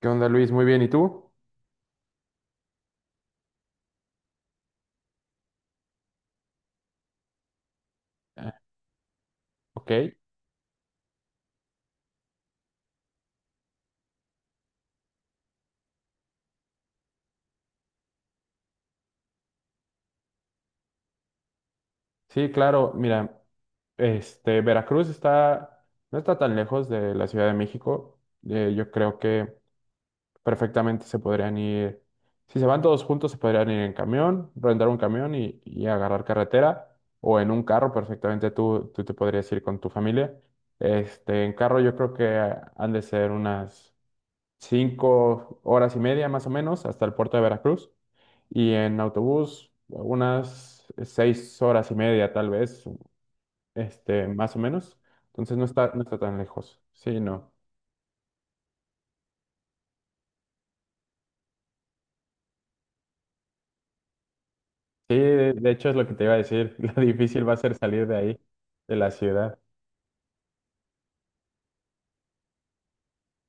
¿Qué onda, Luis? Muy bien, ¿y tú? Ah, ok. Sí, claro, mira, Veracruz no está tan lejos de la Ciudad de México. Yo creo que perfectamente se podrían ir, si se van todos juntos, se podrían ir en camión, rentar un camión y agarrar carretera, o en un carro, perfectamente tú te podrías ir con tu familia. En carro yo creo que han de ser unas cinco horas y media más o menos hasta el puerto de Veracruz. Y en autobús, unas seis horas y media, tal vez, más o menos. Entonces no está tan lejos. Sí, no. Sí, de hecho es lo que te iba a decir. Lo difícil va a ser salir de ahí, de la ciudad.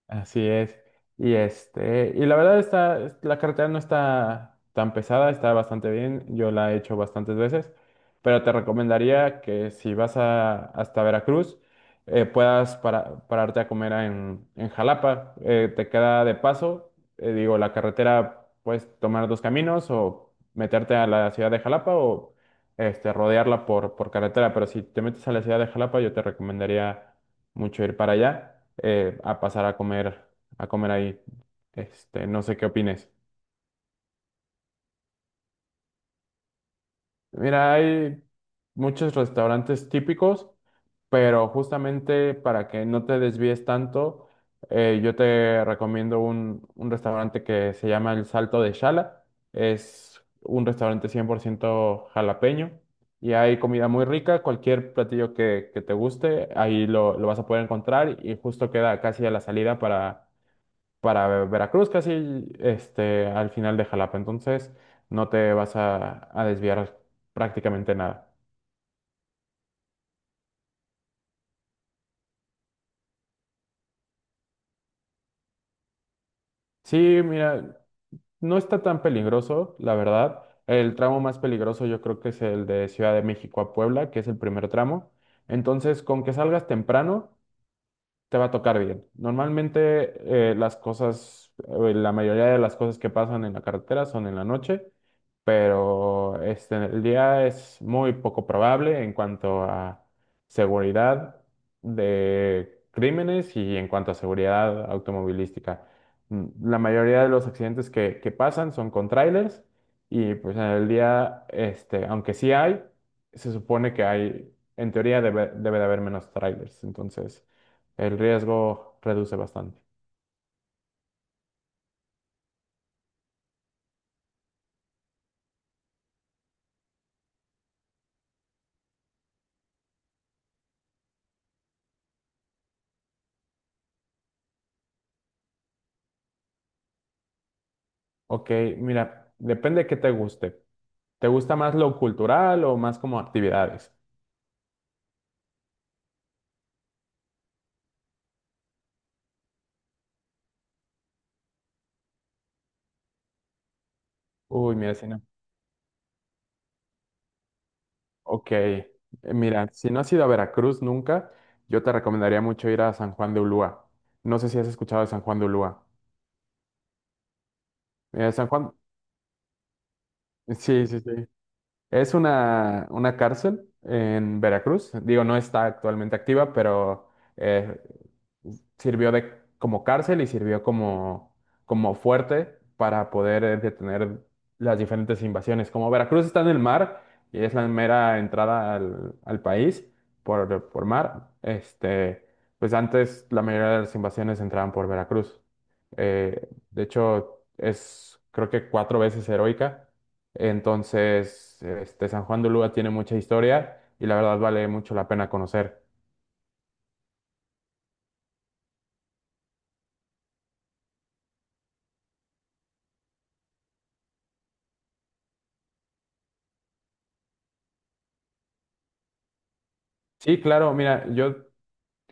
Así es. Y la verdad la carretera no está tan pesada, está bastante bien. Yo la he hecho bastantes veces, pero te recomendaría que si hasta Veracruz, puedas pararte a comer en Jalapa. Te queda de paso, digo, la carretera puedes tomar dos caminos o meterte a la ciudad de Jalapa o rodearla por carretera. Pero si te metes a la ciudad de Jalapa, yo te recomendaría mucho ir para allá, a pasar a comer ahí. No sé qué opines. Mira, hay muchos restaurantes típicos, pero justamente para que no te desvíes tanto, yo te recomiendo un restaurante que se llama El Salto de Chala. Es un restaurante 100% jalapeño y hay comida muy rica. Cualquier platillo que te guste, ahí lo vas a poder encontrar y justo queda casi a la salida para Veracruz, casi al final de Jalapa. Entonces, no te a desviar prácticamente nada. Sí, mira, no está tan peligroso, la verdad. El tramo más peligroso yo creo que es el de Ciudad de México a Puebla, que es el primer tramo. Entonces, con que salgas temprano te va a tocar bien. Normalmente las la mayoría de las cosas que pasan en la carretera son en la noche, pero el día es muy poco probable en cuanto a seguridad de crímenes y en cuanto a seguridad automovilística. La mayoría de los accidentes que pasan son con trailers y pues en el día, aunque sí se supone que hay, en teoría debe de haber menos trailers. Entonces el riesgo reduce bastante. Ok, mira, depende de qué te guste. ¿Te gusta más lo cultural o más como actividades? Uy, mira, si no. Ok, mira, si no has ido a Veracruz nunca, yo te recomendaría mucho ir a San Juan de Ulúa. No sé si has escuchado de San Juan de Ulúa. Mira, San Juan, sí, sí, sí. Es una cárcel en Veracruz. Digo, no está actualmente activa, pero eh, sirvió de, como cárcel y sirvió como, como fuerte para poder detener las diferentes invasiones. Como Veracruz está en el mar y es la mera entrada al país por mar, pues antes la mayoría de las invasiones entraban por Veracruz. De hecho, es creo que cuatro veces heroica. Entonces, San Juan de Ulúa tiene mucha historia y la verdad vale mucho la pena conocer. Sí, claro, mira, yo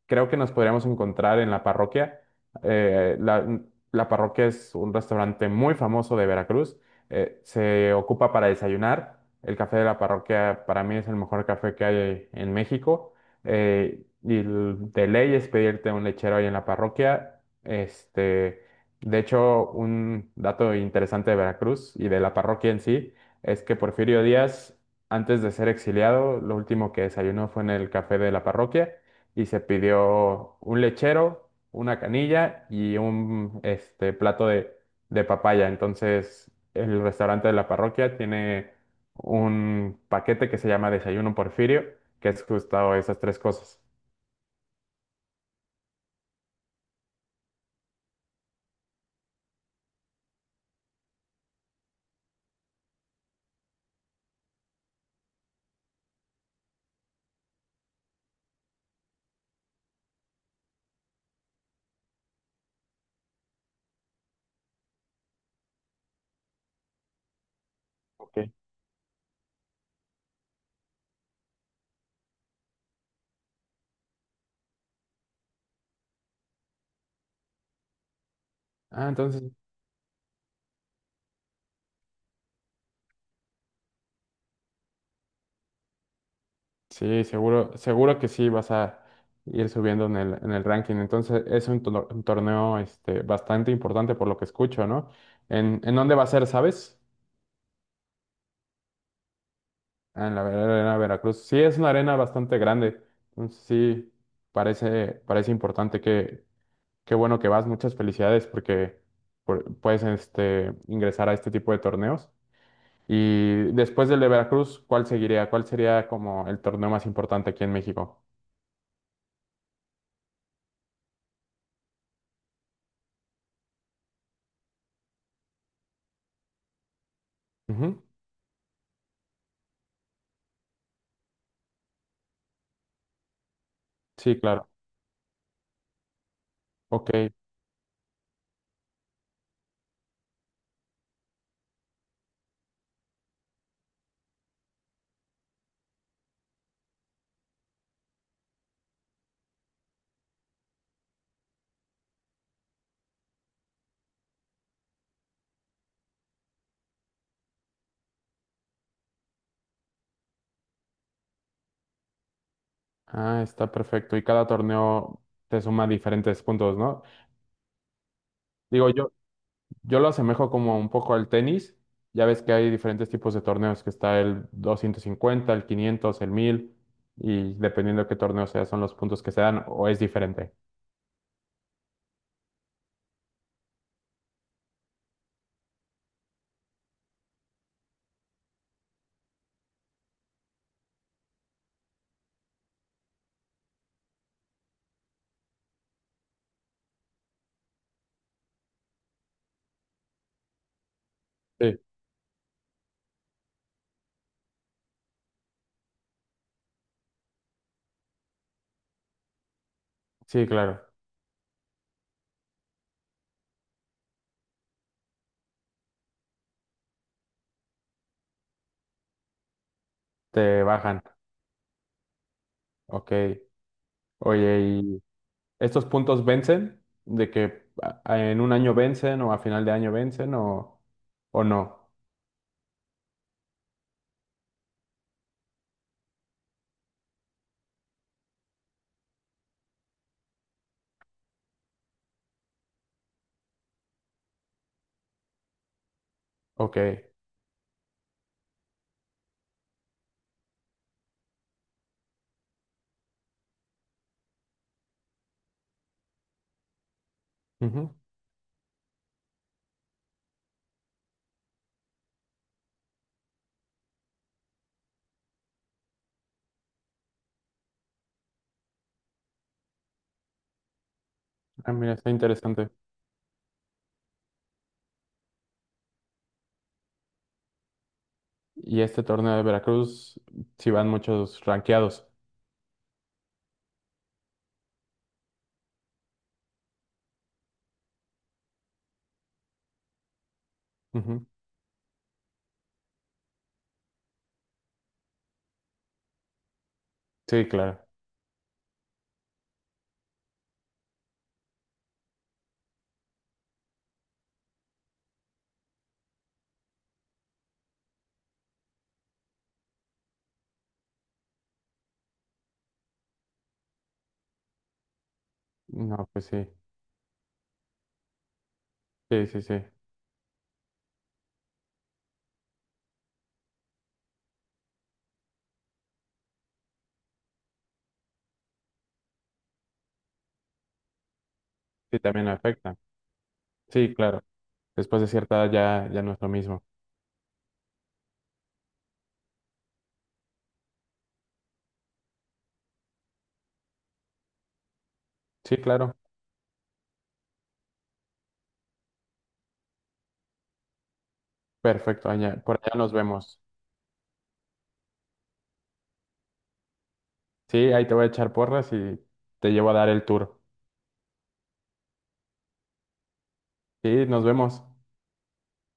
creo que nos podríamos encontrar en la parroquia. Eh, la, la parroquia es un restaurante muy famoso de Veracruz. Se ocupa para desayunar. El café de la parroquia para mí es el mejor café que hay en México. De ley es pedirte un lechero ahí en la parroquia. De hecho, un dato interesante de Veracruz y de la parroquia en sí es que Porfirio Díaz, antes de ser exiliado, lo último que desayunó fue en el café de la parroquia y se pidió un lechero, una canilla y un plato de papaya. Entonces, el restaurante de la parroquia tiene un paquete que se llama Desayuno Porfirio, que es justo esas tres cosas. Ok. Ah, entonces, sí, seguro, seguro que sí vas a ir subiendo en en el ranking. Entonces, es un torneo bastante importante por lo que escucho, ¿no? En dónde va a ser, sabes? Ah, en la Arena Veracruz. Sí, es una arena bastante grande. Entonces, sí, parece importante que, qué bueno que vas. Muchas felicidades porque puedes ingresar a este tipo de torneos. Y después del de Veracruz, ¿cuál seguiría? ¿Cuál sería como el torneo más importante aquí en México? Ujú. Sí, claro. Ok. Ah, está perfecto. Y cada torneo te suma diferentes puntos, ¿no? Digo, yo, yo lo asemejo como un poco al tenis. Ya ves que hay diferentes tipos de torneos, que está el 250, el 500, el 1000, y dependiendo de qué torneo sea, son los puntos que se dan o es diferente. Sí. Sí, claro, te bajan. Ok. Oye, ¿y estos puntos vencen? ¿De que en un año vencen o a final de año vencen o no? Ok. Ujú. Ah, mira, está interesante. Y este torneo de Veracruz, si van muchos ranqueados. Ujú. Sí, claro. No, pues sí, sí, sí, sí, sí, también afecta. Sí, claro, después de cierta edad ya, ya no es lo mismo. Sí, claro, perfecto, allá, por allá nos vemos. Sí, ahí te voy a echar porras y te llevo a dar el tour. Sí, nos vemos.